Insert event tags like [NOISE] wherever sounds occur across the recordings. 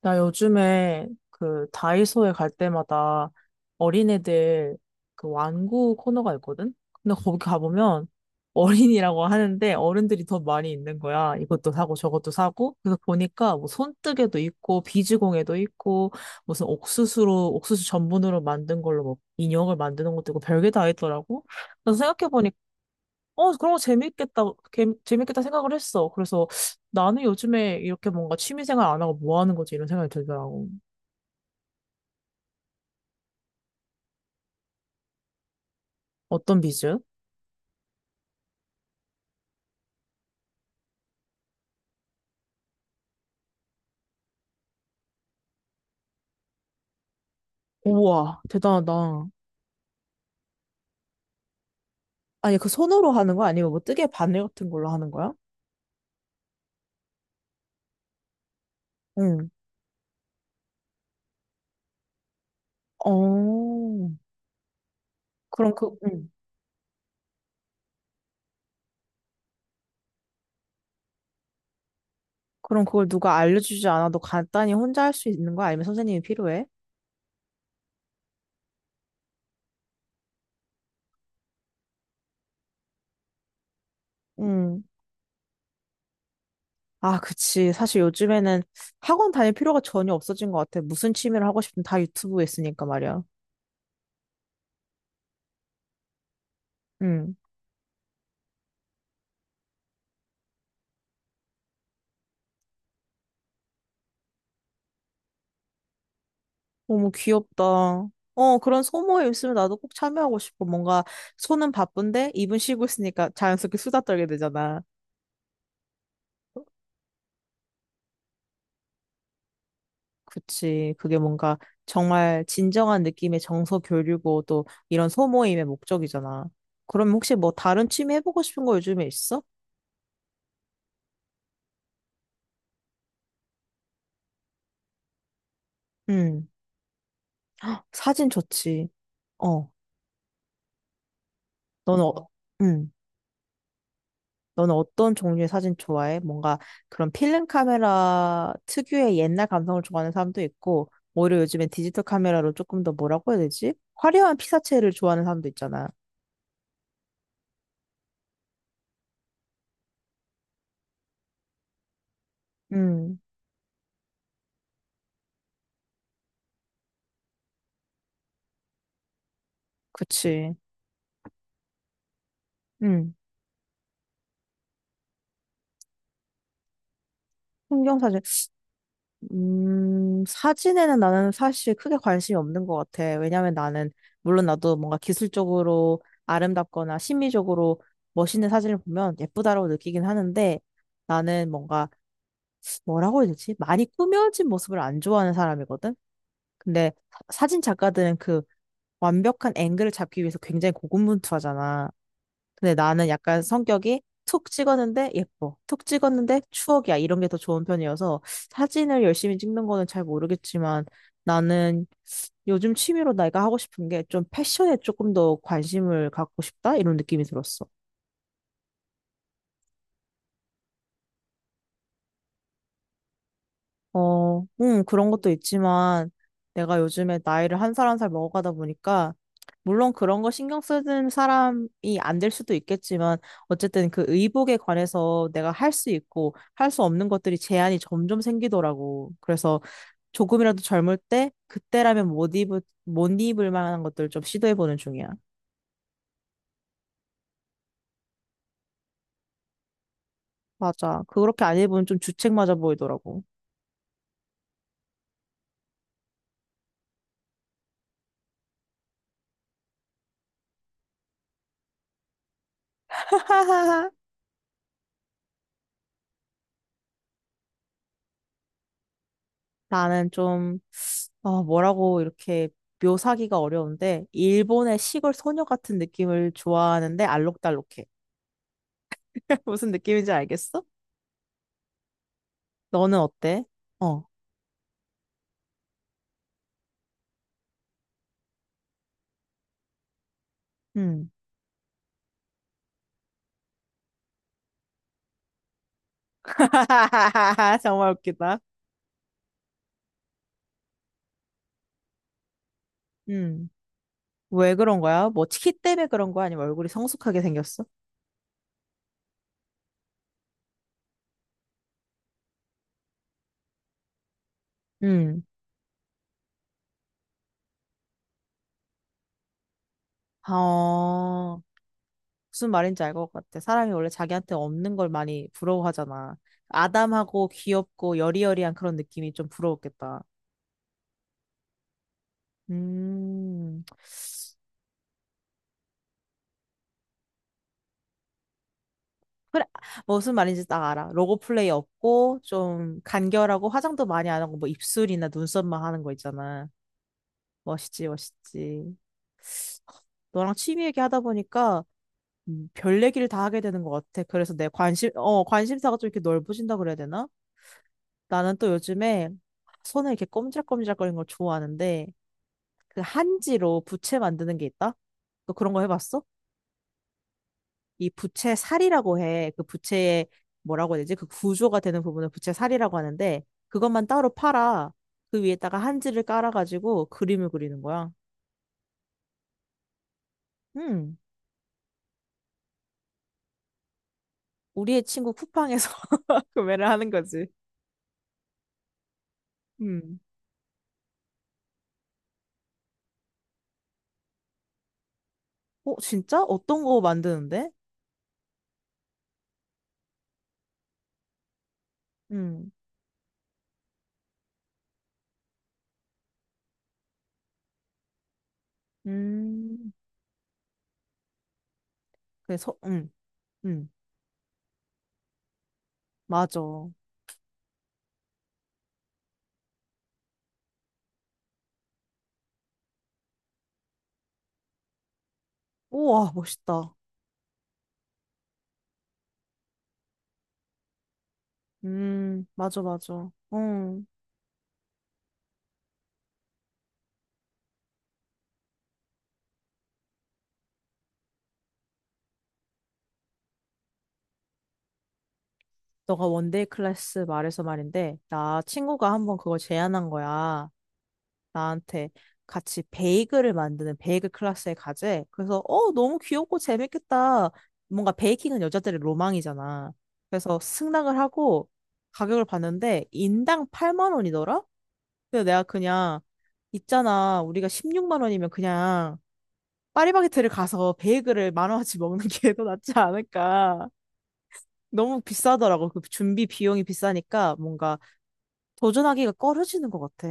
나 요즘에 그 다이소에 갈 때마다 어린애들 그 완구 코너가 있거든? 근데 거기 가보면 어린이라고 하는데 어른들이 더 많이 있는 거야. 이것도 사고 저것도 사고. 그래서 보니까 뭐 손뜨개도 있고 비즈공예도 있고 무슨 옥수수로 옥수수 전분으로 만든 걸로 뭐 인형을 만드는 것도 있고 별게 다 있더라고. 그래서 생각해보니까 어, 그런 거 재밌겠다, 재밌겠다 생각을 했어. 그래서 나는 요즘에 이렇게 뭔가 취미생활 안 하고 뭐 하는 거지? 이런 생각이 들더라고. 어떤 비즈? 우와, 대단하다. 아니, 그 손으로 하는 거 아니면 뭐 뜨개 바늘 같은 걸로 하는 거야? 응. 어, 그럼 그, 응. 그럼 그걸 누가 알려주지 않아도 간단히 혼자 할 수 있는 거야? 아니면 선생님이 필요해? 응. 아, 그치. 사실 요즘에는 학원 다닐 필요가 전혀 없어진 것 같아. 무슨 취미를 하고 싶든 다 유튜브에 있으니까 말이야. 응. 너무 귀엽다. 어, 그런 소모임 있으면 나도 꼭 참여하고 싶어. 뭔가 손은 바쁜데 입은 쉬고 있으니까 자연스럽게 수다 떨게 되잖아. 그치. 그게 뭔가 정말 진정한 느낌의 정서 교류고 또 이런 소모임의 목적이잖아. 그럼 혹시 뭐 다른 취미 해보고 싶은 거 요즘에 있어? 응. 사진 좋지. 어. 너는 응. 너는 어떤 종류의 사진 좋아해? 뭔가 그런 필름 카메라 특유의 옛날 감성을 좋아하는 사람도 있고, 오히려 요즘엔 디지털 카메라로 조금 더 뭐라고 해야 되지? 화려한 피사체를 좋아하는 사람도 있잖아. 음, 그치. 음, 풍경 사진. 사진에는 나는 사실 크게 관심이 없는 것 같아. 왜냐면 나는, 물론 나도 뭔가 기술적으로 아름답거나 심미적으로 멋있는 사진을 보면 예쁘다라고 느끼긴 하는데, 나는 뭔가 뭐라고 해야 되지? 많이 꾸며진 모습을 안 좋아하는 사람이거든? 근데 사진 작가들은 그 완벽한 앵글을 잡기 위해서 굉장히 고군분투하잖아. 근데 나는 약간 성격이 툭 찍었는데 예뻐. 툭 찍었는데 추억이야. 이런 게 더 좋은 편이어서 사진을 열심히 찍는 거는 잘 모르겠지만 나는 요즘 취미로 내가 하고 싶은 게 좀 패션에 조금 더 관심을 갖고 싶다? 이런 느낌이 들었어. 어, 그런 것도 있지만 내가 요즘에 나이를 한 살 한 살 먹어가다 보니까 물론 그런 거 신경 쓰는 사람이 안 될 수도 있겠지만 어쨌든 그 의복에 관해서 내가 할 수 있고 할 수 없는 것들이 제한이 점점 생기더라고. 그래서 조금이라도 젊을 때 그때라면 못 입을 만한 것들 좀 시도해보는 중이야. 맞아. 그렇게 안 입으면 좀 주책 맞아 보이더라고. [LAUGHS] 나는 좀 아, 뭐라고 이렇게 묘사하기가 어려운데, 일본의 시골 소녀 같은 느낌을 좋아하는데, 알록달록해. [LAUGHS] 무슨 느낌인지 알겠어? 너는 어때? 어, 음. [LAUGHS] 정말 웃기다. 음. 왜 그런 거야? 뭐, 키 때문에 그런 거야? 아니면 얼굴이 성숙하게 생겼어? 음. 어, 무슨 말인지 알 것 같아. 사람이 원래 자기한테 없는 걸 많이 부러워하잖아. 아담하고 귀엽고 여리여리한 그런 느낌이 좀 부러웠겠다. 음. 그래, 무슨 말인지 딱 알아. 로고 플레이 없고, 좀 간결하고, 화장도 많이 안 하고, 뭐 입술이나 눈썹만 하는 거 있잖아. 멋있지, 멋있지. 너랑 취미 얘기하다 보니까 별 얘기를 다 하게 되는 것 같아. 그래서 내 관심, 어, 관심사가 좀 이렇게 넓어진다 그래야 되나? 나는 또 요즘에 손을 이렇게 꼼지락꼼지락거리는 걸 좋아하는데, 그 한지로 부채 만드는 게 있다? 너 그런 거 해봤어? 이 부채 살이라고 해. 그 부채의 뭐라고 해야 되지? 그 구조가 되는 부분을 부채 살이라고 하는데 그것만 따로 팔아. 그 위에다가 한지를 깔아가지고 그림을 그리는 거야. 음, 우리의 친구 쿠팡에서 [LAUGHS] 구매를 하는 거지. 음. 어, 진짜? 어떤 거 만드는데? 음. 음. 그래서 음. 맞아. 우와, 멋있다. 음. 맞아, 맞아. 음. 너가 원데이 클래스 말해서 말인데, 나 친구가 한번 그걸 제안한 거야. 나한테 같이 베이글을 만드는 베이글 클래스에 가재. 그래서 어 너무 귀엽고 재밌겠다. 뭔가 베이킹은 여자들의 로망이잖아. 그래서 승낙을 하고 가격을 봤는데 인당 8만 원이더라? 근데 내가 그냥 있잖아 우리가 16만 원이면 그냥 파리바게트를 가서 베이글을 만 원어치 먹는 게 더 낫지 않을까. 너무 비싸더라고. 그 준비 비용이 비싸니까 뭔가 도전하기가 꺼려지는 것 같아.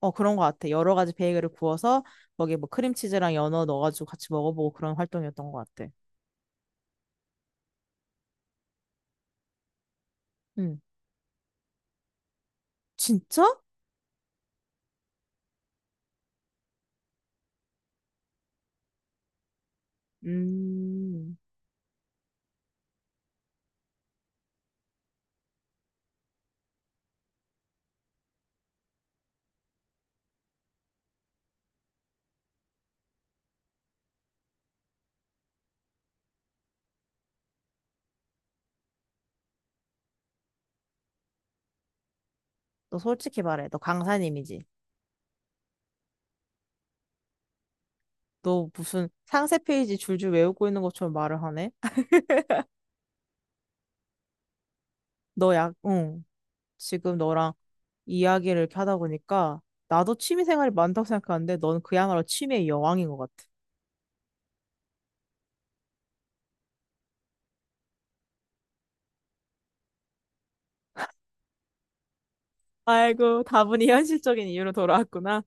어, 그런 것 같아. 여러 가지 베이글을 구워서 거기에 뭐 크림치즈랑 연어 넣어가지고 같이 먹어보고 그런 활동이었던 것 같아. 응. 진짜? 음. 너 솔직히 말해. 너 강사님이지. 너 무슨 상세 페이지 줄줄 외우고 있는 것처럼 말을 하네? 응. 지금 너랑 이야기를 이렇게 하다 보니까 나도 취미 생활이 많다고 생각하는데 넌 그야말로 취미의 여왕인 것 같아. 아이고, 다분히 현실적인 이유로 돌아왔구나.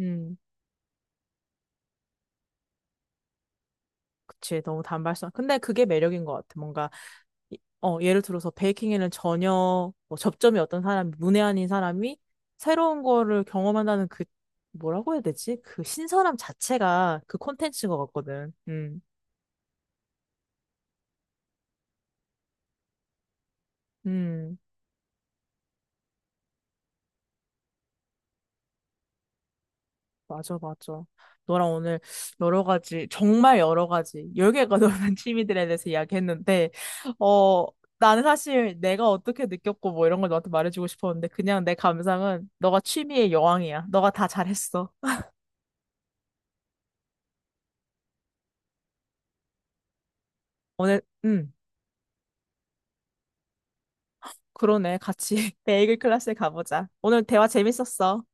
음, 그치. 너무 단발성. 근데 그게 매력인 것 같아. 뭔가 어, 예를 들어서 베이킹에는 전혀 뭐 접점이 어떤 사람이, 문외한인 사람이 새로운 거를 경험한다는 그, 뭐라고 해야 되지? 그 신선함 자체가 그 콘텐츠인 것 같거든. 음, 맞아, 맞아. 너랑 오늘 여러 가지, 정말 여러 가지, 열 개가 넘는 [LAUGHS] 취미들에 대해서 이야기했는데, 어, 나는 사실 내가 어떻게 느꼈고 뭐 이런 걸 너한테 말해주고 싶었는데, 그냥 내 감상은 너가 취미의 여왕이야. 너가 다 잘했어. 오늘, 그러네. 같이 [LAUGHS] 베이글 클래스에 가보자. 오늘 대화 재밌었어.